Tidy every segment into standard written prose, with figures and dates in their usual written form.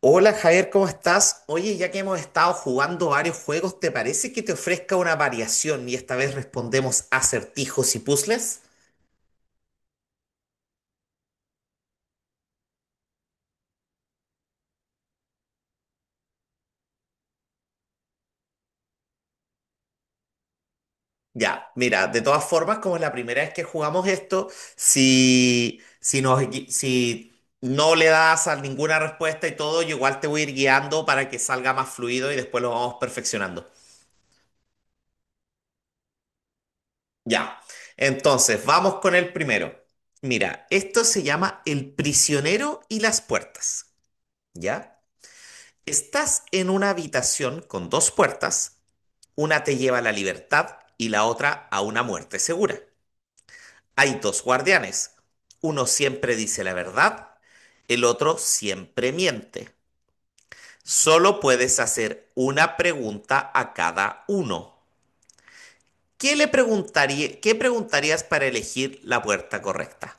Hola Javier, ¿cómo estás? Oye, ya que hemos estado jugando varios juegos, ¿te parece que te ofrezca una variación y esta vez respondemos acertijos y puzzles? Ya, mira, de todas formas, como es la primera vez que jugamos esto, si no le das a ninguna respuesta y todo, yo igual te voy a ir guiando para que salga más fluido y después lo vamos perfeccionando. Ya, entonces, vamos con el primero. Mira, esto se llama El prisionero y las puertas. ¿Ya? Estás en una habitación con dos puertas, una te lleva a la libertad y la otra a una muerte segura. Hay dos guardianes, uno siempre dice la verdad, el otro siempre miente. Solo puedes hacer una pregunta a cada uno. ¿Qué preguntarías para elegir la puerta correcta?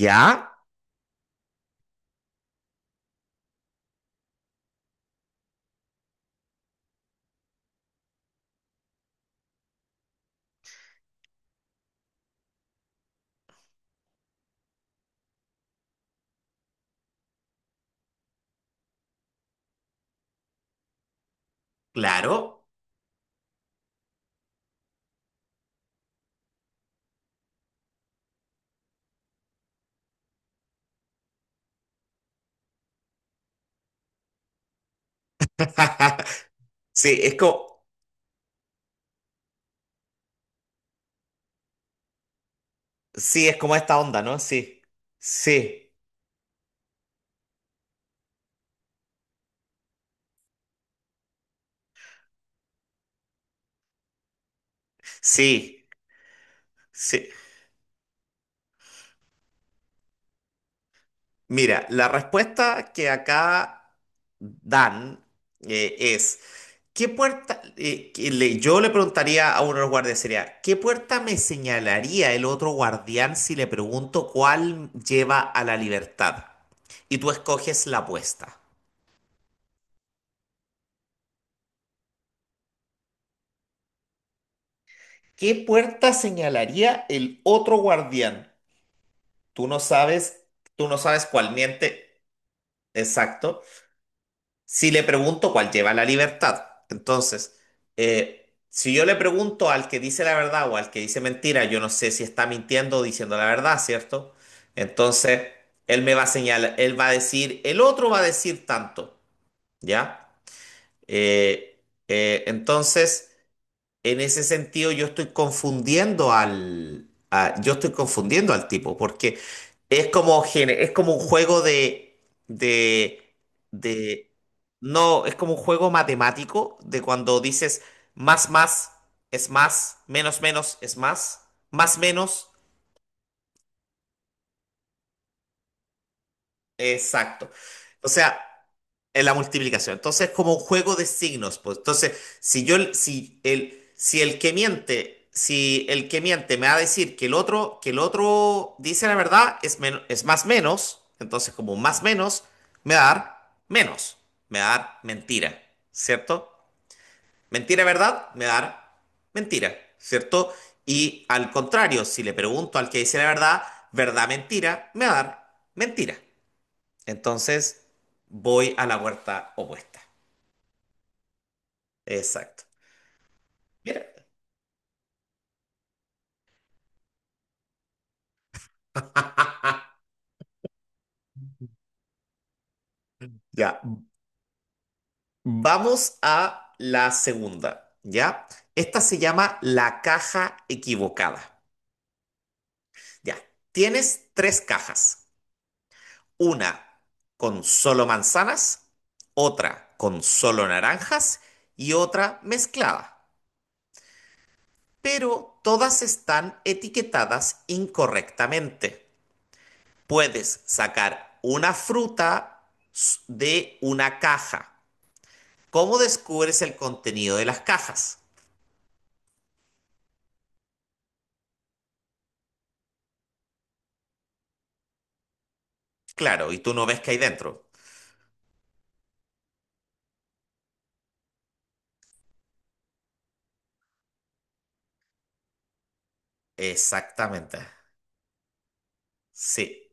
¿Ya? Claro. Sí, es como, sí, es como esta onda, ¿no? Sí, sí, sí, sí. Mira, la respuesta que acá dan es, ¿qué puerta? Que le- yo le preguntaría a uno de los guardias, sería, ¿qué puerta me señalaría el otro guardián si le pregunto cuál lleva a la libertad? Y tú escoges la apuesta. ¿Qué puerta señalaría el otro guardián? Tú no sabes, tú no sabes cuál miente. Exacto. Si le pregunto cuál lleva la libertad. Entonces, si yo le pregunto al que dice la verdad o al que dice mentira, yo no sé si está mintiendo o diciendo la verdad, ¿cierto? Entonces, él me va a señalar, él va a decir, el otro va a decir tanto, ¿ya? Entonces... En ese sentido, yo estoy confundiendo al tipo, porque es como, es como un juego de, de, no, es como un juego matemático de cuando dices más, más es más, menos, menos es más, más, menos. Exacto. O sea, en la multiplicación. Entonces, como un juego de signos, pues. Entonces, si el que miente, si el que miente me va a decir que que el otro dice la verdad, es menos, es más menos, entonces como más menos, me va a dar menos, me va a dar mentira, ¿cierto? Mentira, verdad, me va a dar mentira, ¿cierto? Y al contrario, si le pregunto al que dice la verdad, verdad, mentira, me va a dar mentira. Entonces voy a la puerta opuesta. Exacto. Mira. Ya. Vamos a la segunda. Ya. Esta se llama la caja equivocada. Ya. Tienes tres cajas. Una con solo manzanas, otra con solo naranjas y otra mezclada. Pero todas están etiquetadas incorrectamente. Puedes sacar una fruta de una caja. ¿Cómo descubres el contenido de las cajas? Claro, y tú no ves qué hay dentro. Exactamente. Sí.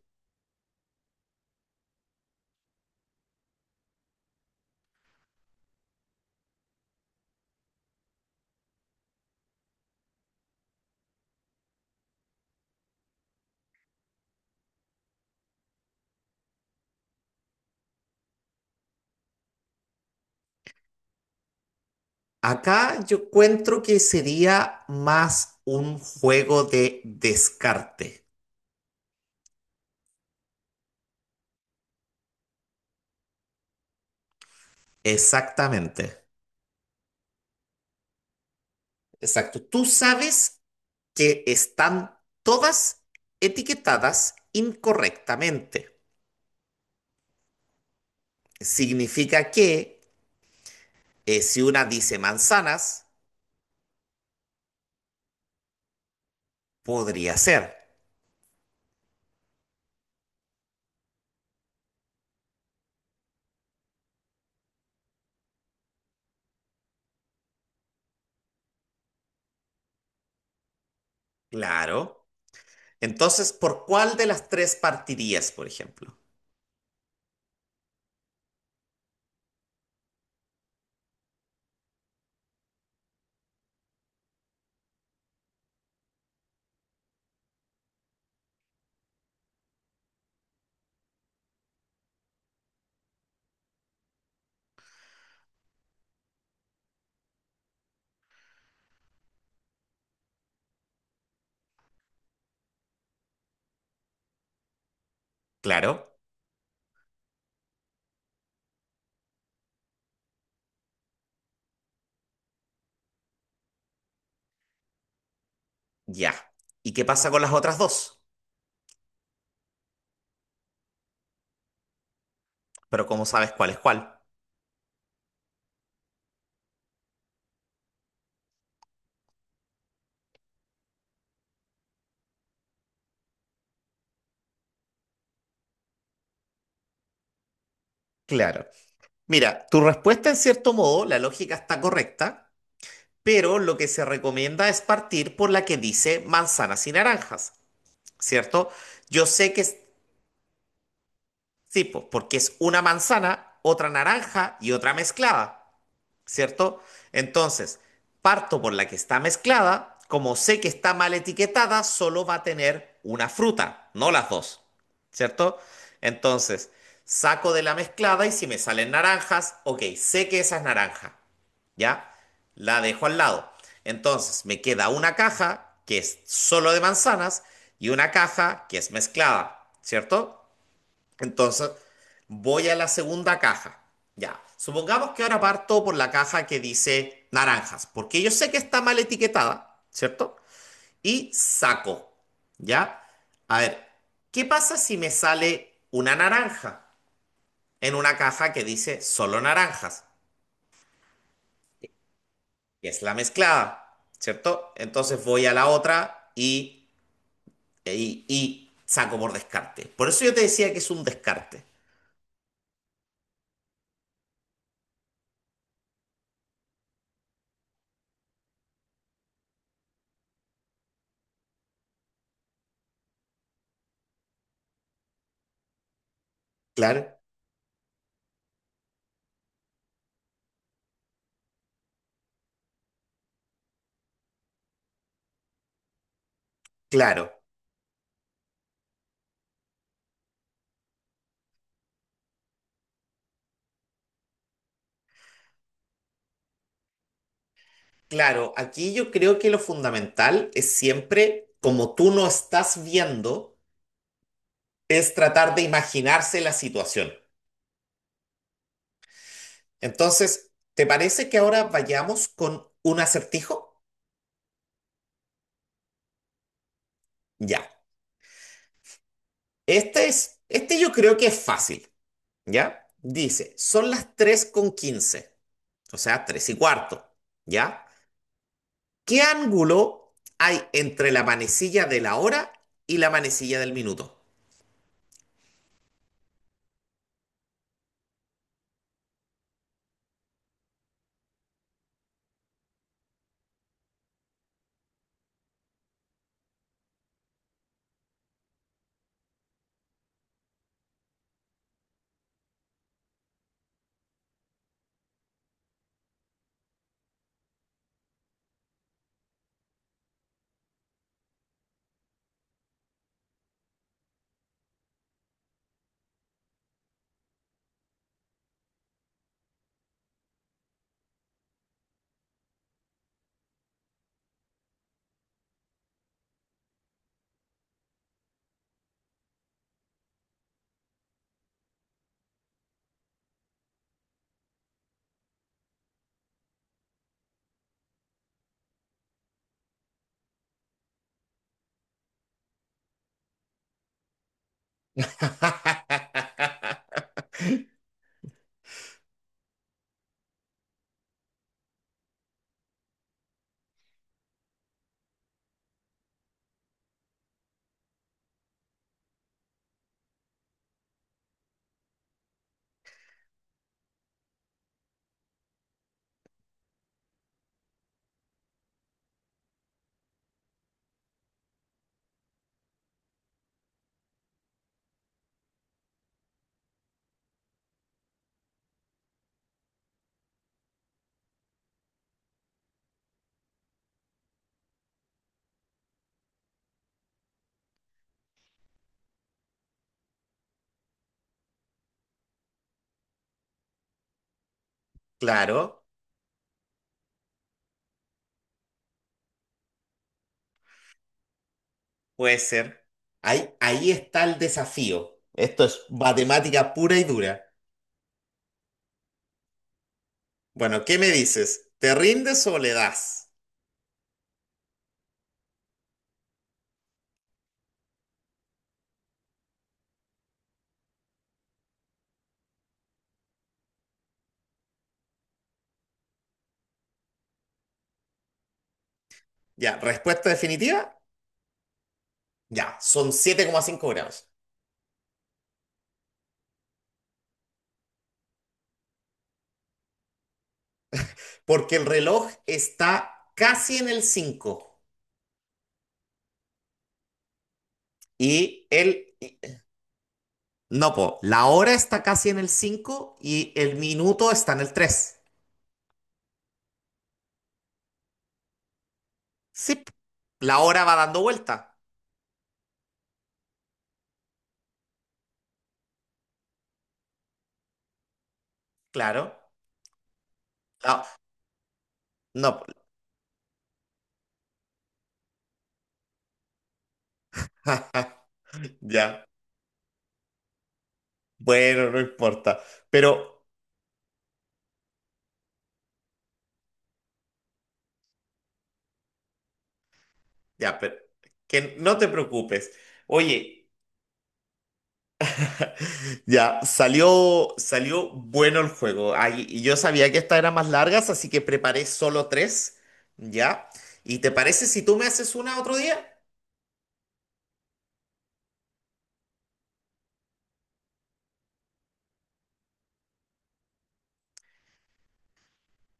Acá yo encuentro que sería más un juego de descarte. Exactamente. Exacto. Tú sabes que están todas etiquetadas incorrectamente. Significa que si una dice manzanas, podría ser, claro. Entonces, ¿por cuál de las tres partirías, por ejemplo? Claro, ya. ¿Y qué pasa con las otras dos? Pero ¿cómo sabes cuál es cuál? Claro. Mira, tu respuesta en cierto modo, la lógica está correcta, pero lo que se recomienda es partir por la que dice manzanas y naranjas, ¿cierto? Yo sé que es tipo, porque es una manzana, otra naranja y otra mezclada. ¿Cierto? Entonces, parto por la que está mezclada, como sé que está mal etiquetada, solo va a tener una fruta, no las dos, ¿cierto? Entonces, saco de la mezclada y si me salen naranjas, ok, sé que esa es naranja, ¿ya? La dejo al lado. Entonces, me queda una caja que es solo de manzanas y una caja que es mezclada, ¿cierto? Entonces, voy a la segunda caja. Ya, supongamos que ahora parto por la caja que dice naranjas, porque yo sé que está mal etiquetada, ¿cierto? Y saco, ¿ya? A ver, ¿qué pasa si me sale una naranja en una caja que dice solo naranjas? Que es la mezclada, ¿cierto? Entonces voy a la otra y, y saco por descarte. Por eso yo te decía que es un descarte. Claro, claro. Claro, aquí yo creo que lo fundamental es siempre, como tú no estás viendo, es tratar de imaginarse la situación. Entonces, ¿te parece que ahora vayamos con un acertijo? Ya. Este yo creo que es fácil, ¿ya? Dice, son las 3 con 15, o sea, 3 y cuarto, ¿ya? ¿Qué ángulo hay entre la manecilla de la hora y la manecilla del minuto? Claro. Puede ser. Ahí, ahí está el desafío. Esto es matemática pura y dura. Bueno, ¿qué me dices? ¿Te rindes o le das? Ya, respuesta definitiva. Ya, son 7,5 grados. Porque el reloj está casi en el cinco. Y el... y- No, po, la hora está casi en el 5 y el minuto está en el tres. Sí, p- la hora va dando vuelta. Claro. La- No, po. Ya. Bueno, no importa. Pero Ya, pero que no te preocupes. Oye, ya, salió bueno el juego. Ay, y yo sabía que estas eran más largas, así que preparé solo tres, ¿ya? ¿Y te parece si tú me haces una otro día?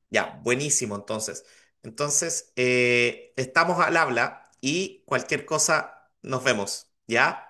Ya, buenísimo, entonces. Entonces, estamos al habla y cualquier cosa, nos vemos, ¿ya?